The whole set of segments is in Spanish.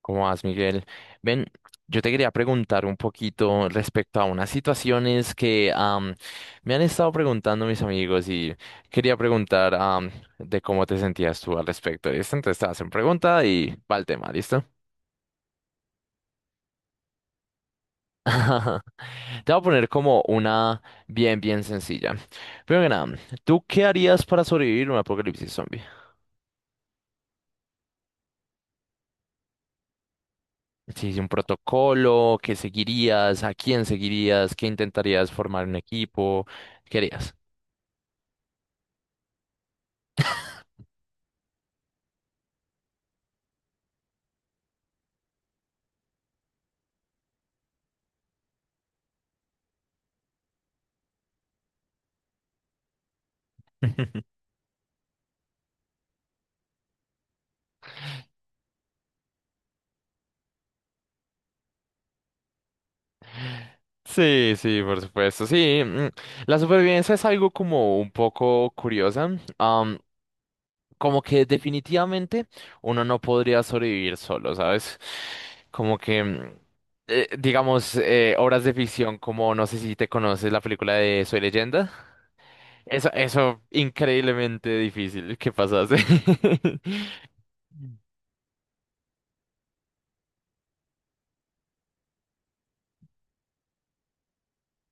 ¿Cómo vas, Miguel? Ven, yo te quería preguntar un poquito respecto a unas situaciones que me han estado preguntando mis amigos y quería preguntar de cómo te sentías tú al respecto de esto. Entonces te hacen pregunta y va el tema, ¿listo? Te voy a poner como una bien, bien sencilla. Primero que nada, ¿tú qué harías para sobrevivir a un apocalipsis zombie? Si es un protocolo, ¿qué seguirías? ¿A quién seguirías? ¿Qué intentarías formar un equipo? ¿Qué harías? Sí, sí, por supuesto. Sí, la supervivencia es algo como un poco curiosa. am, Como que definitivamente uno no podría sobrevivir solo, ¿sabes? Como que digamos, obras de ficción como, no sé si te conoces la película de Soy Leyenda. Eso, increíblemente difícil que pasase.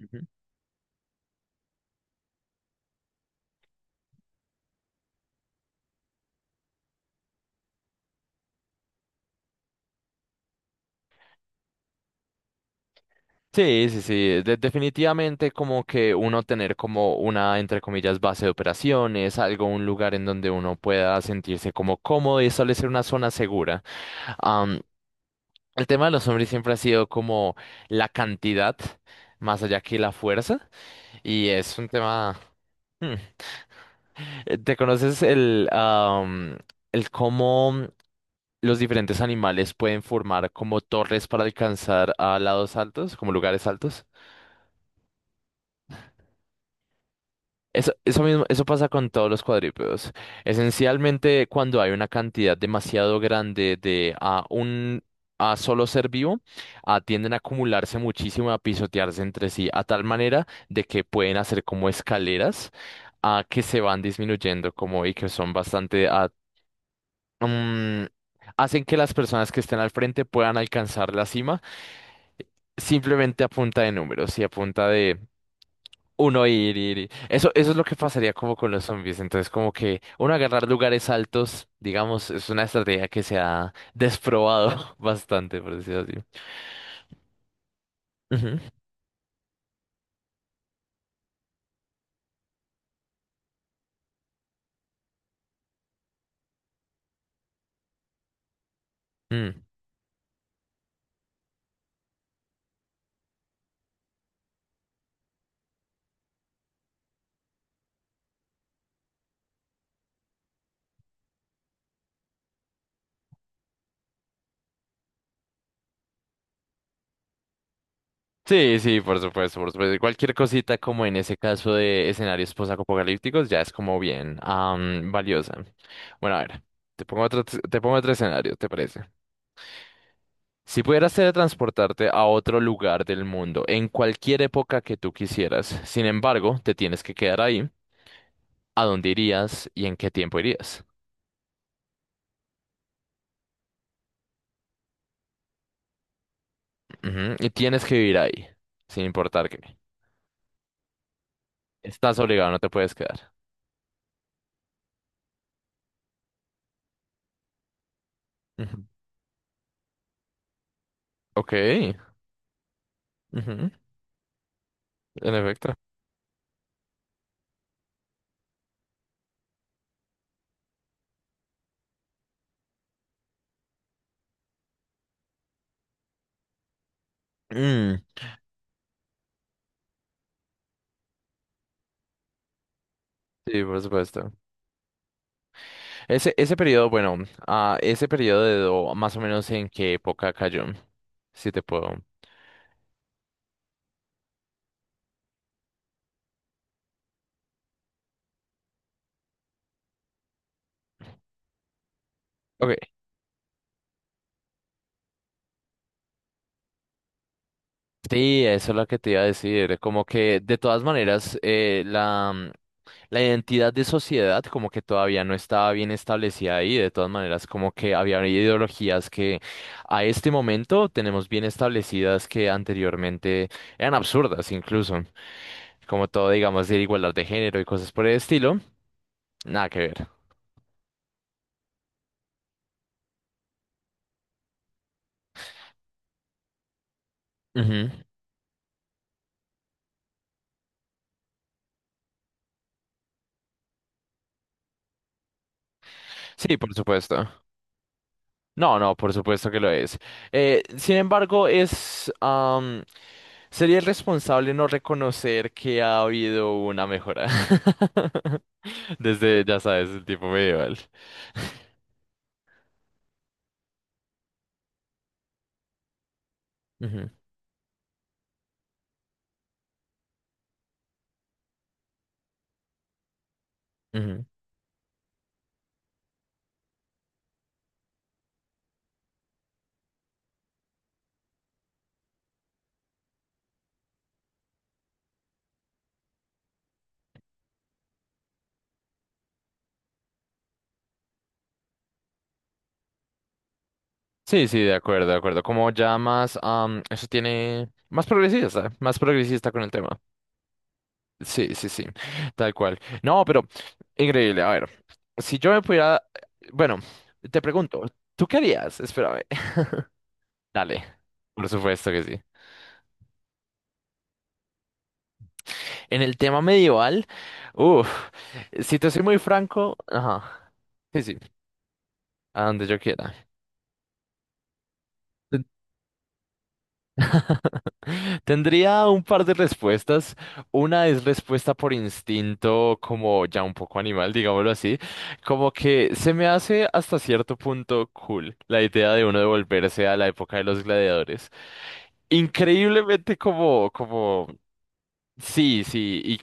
Ujú. Sí, sí, sí. Definitivamente como que uno tener como una, entre comillas, base de operaciones, algo, un lugar en donde uno pueda sentirse como cómodo y establecer una zona segura. Am, el tema de los hombres siempre ha sido como la cantidad, más allá que la fuerza, y es un tema... Hmm. ¿Te conoces el, el cómo los diferentes animales pueden formar como torres para alcanzar a lados altos, como lugares altos? Eso mismo, eso pasa con todos los cuadrúpedos. Esencialmente, cuando hay una cantidad demasiado grande de a un a solo ser vivo, tienden a acumularse muchísimo, a pisotearse entre sí, a tal manera de que pueden hacer como escaleras que se van disminuyendo como y que son bastante mm, hacen que las personas que estén al frente puedan alcanzar la cima simplemente a punta de números y a punta de uno ir. Eso, eso es lo que pasaría como con los zombies. Entonces, como que uno agarrar lugares altos, digamos, es una estrategia que se ha desprobado bastante, por decirlo así. Ujú. Mm. Sí, sí, por supuesto, por supuesto. Cualquier cosita como en ese caso de escenarios posapocalípticos ya es como bien valiosa. Bueno, a ver, te pongo otro escenario, ¿te parece? Si pudieras teletransportarte a otro lugar del mundo, en cualquier época que tú quisieras, sin embargo, te tienes que quedar ahí, ¿a dónde irías y en qué tiempo irías? Ujú. Y tienes que vivir ahí, sin importar qué. Estás obligado, no te puedes quedar. Ujú. Ok, ujú. En efecto. Mm, sí, por supuesto. Ese periodo, bueno, ese periodo, más o menos en qué época cayó, si te puedo. Ok. Sí, eso es lo que te iba a decir. Como que de todas maneras la, la identidad de sociedad como que todavía no estaba bien establecida ahí. De todas maneras como que había ideologías que a este momento tenemos bien establecidas que anteriormente eran absurdas incluso. Como todo, digamos, de igualdad de género y cosas por el estilo. Nada que ver. Ujú. Sí, por supuesto. No, no, por supuesto que lo es. Sin embargo, sería irresponsable no reconocer que ha habido una mejora desde, ya sabes, el tiempo medieval. Ujú, ujú. Sí, sí, de acuerdo, de acuerdo. Como ya más, eso tiene más progresista con el tema. Sí, sí, sí, tal cual. No, pero increíble. A ver, si yo me pudiera, bueno, te pregunto, ¿tú qué harías? Espérame. Dale, por supuesto que sí. En el tema medieval, uff, si te soy muy franco, ajá, sí, sí, a donde yo quiera. Ten- Tendría un par de respuestas. Una es respuesta por instinto, como ya un poco animal, digámoslo así. Como que se me hace hasta cierto punto cool la idea de uno devolverse a la época de los gladiadores. Increíblemente como, como sí, sí, y,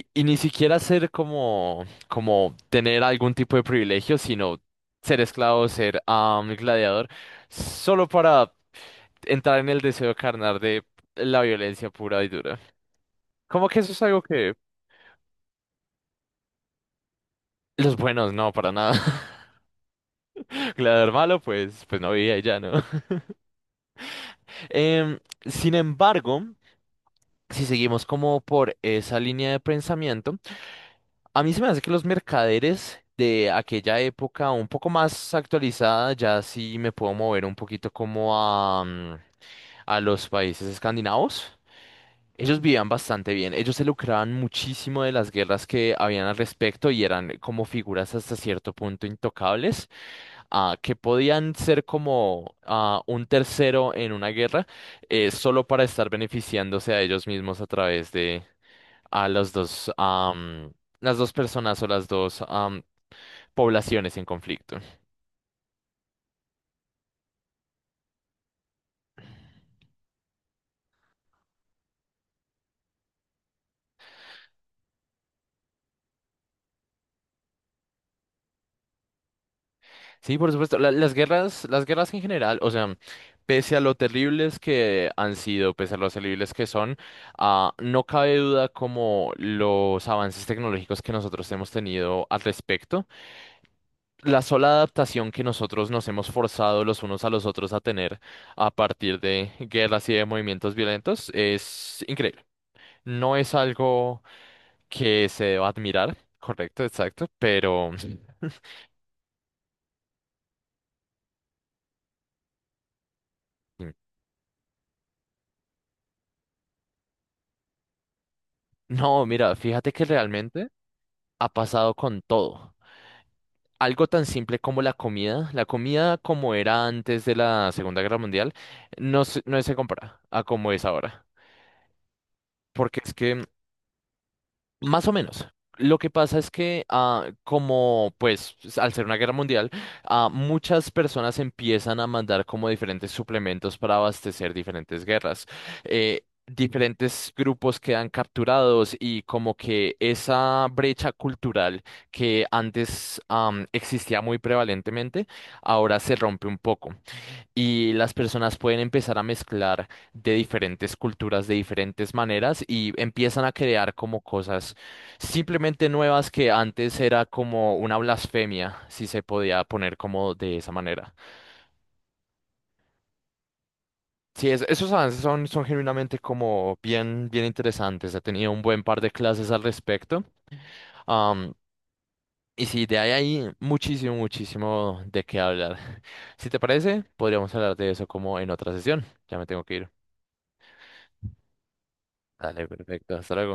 y, y ni siquiera ser como, como tener algún tipo de privilegio, sino ser esclavo, ser un gladiador, solo para entrar en el deseo carnal de la violencia pura y dura. Como que eso es algo que los buenos no, para nada. Gladiador malo, pues, pues no vivía y ya, ¿no? Em, sin embargo, si seguimos como por esa línea de pensamiento, a mí se me hace que los mercaderes de aquella época, un poco más actualizada, ya sí me puedo mover un poquito como a, a los países escandinavos. Ellos vivían bastante bien, ellos se lucraban muchísimo de las guerras que habían al respecto y eran como figuras hasta cierto punto intocables, que podían ser como un tercero en una guerra solo para estar beneficiándose a ellos mismos a través de, a los dos, las dos personas o las dos poblaciones en conflicto. Sí, por supuesto. Las guerras, las guerras en general, o sea, pese a lo terribles que han sido, pese a lo terribles que son, no cabe duda como los avances tecnológicos que nosotros hemos tenido al respecto, la sola adaptación que nosotros nos hemos forzado los unos a los otros a tener a partir de guerras y de movimientos violentos es increíble. No es algo que se deba admirar, correcto, exacto, pero no, mira, fíjate que realmente ha pasado con todo. Algo tan simple como la comida como era antes de la Segunda Guerra Mundial, no se compara a como es ahora. Porque es que más o menos. Lo que pasa es que, como pues al ser una guerra mundial, muchas personas empiezan a mandar como diferentes suplementos para abastecer diferentes guerras. Diferentes grupos quedan capturados y como que esa brecha cultural que antes, existía muy prevalentemente, ahora se rompe un poco y las personas pueden empezar a mezclar de diferentes culturas, de diferentes maneras y empiezan a crear como cosas simplemente nuevas que antes era como una blasfemia, si se podía poner como de esa manera. Sí, esos avances son, son genuinamente como bien, bien interesantes. He tenido un buen par de clases al respecto. Am, y sí, de ahí hay muchísimo, muchísimo de qué hablar. Si te parece, podríamos hablar de eso como en otra sesión. Ya me tengo que ir. Dale, perfecto. Hasta luego.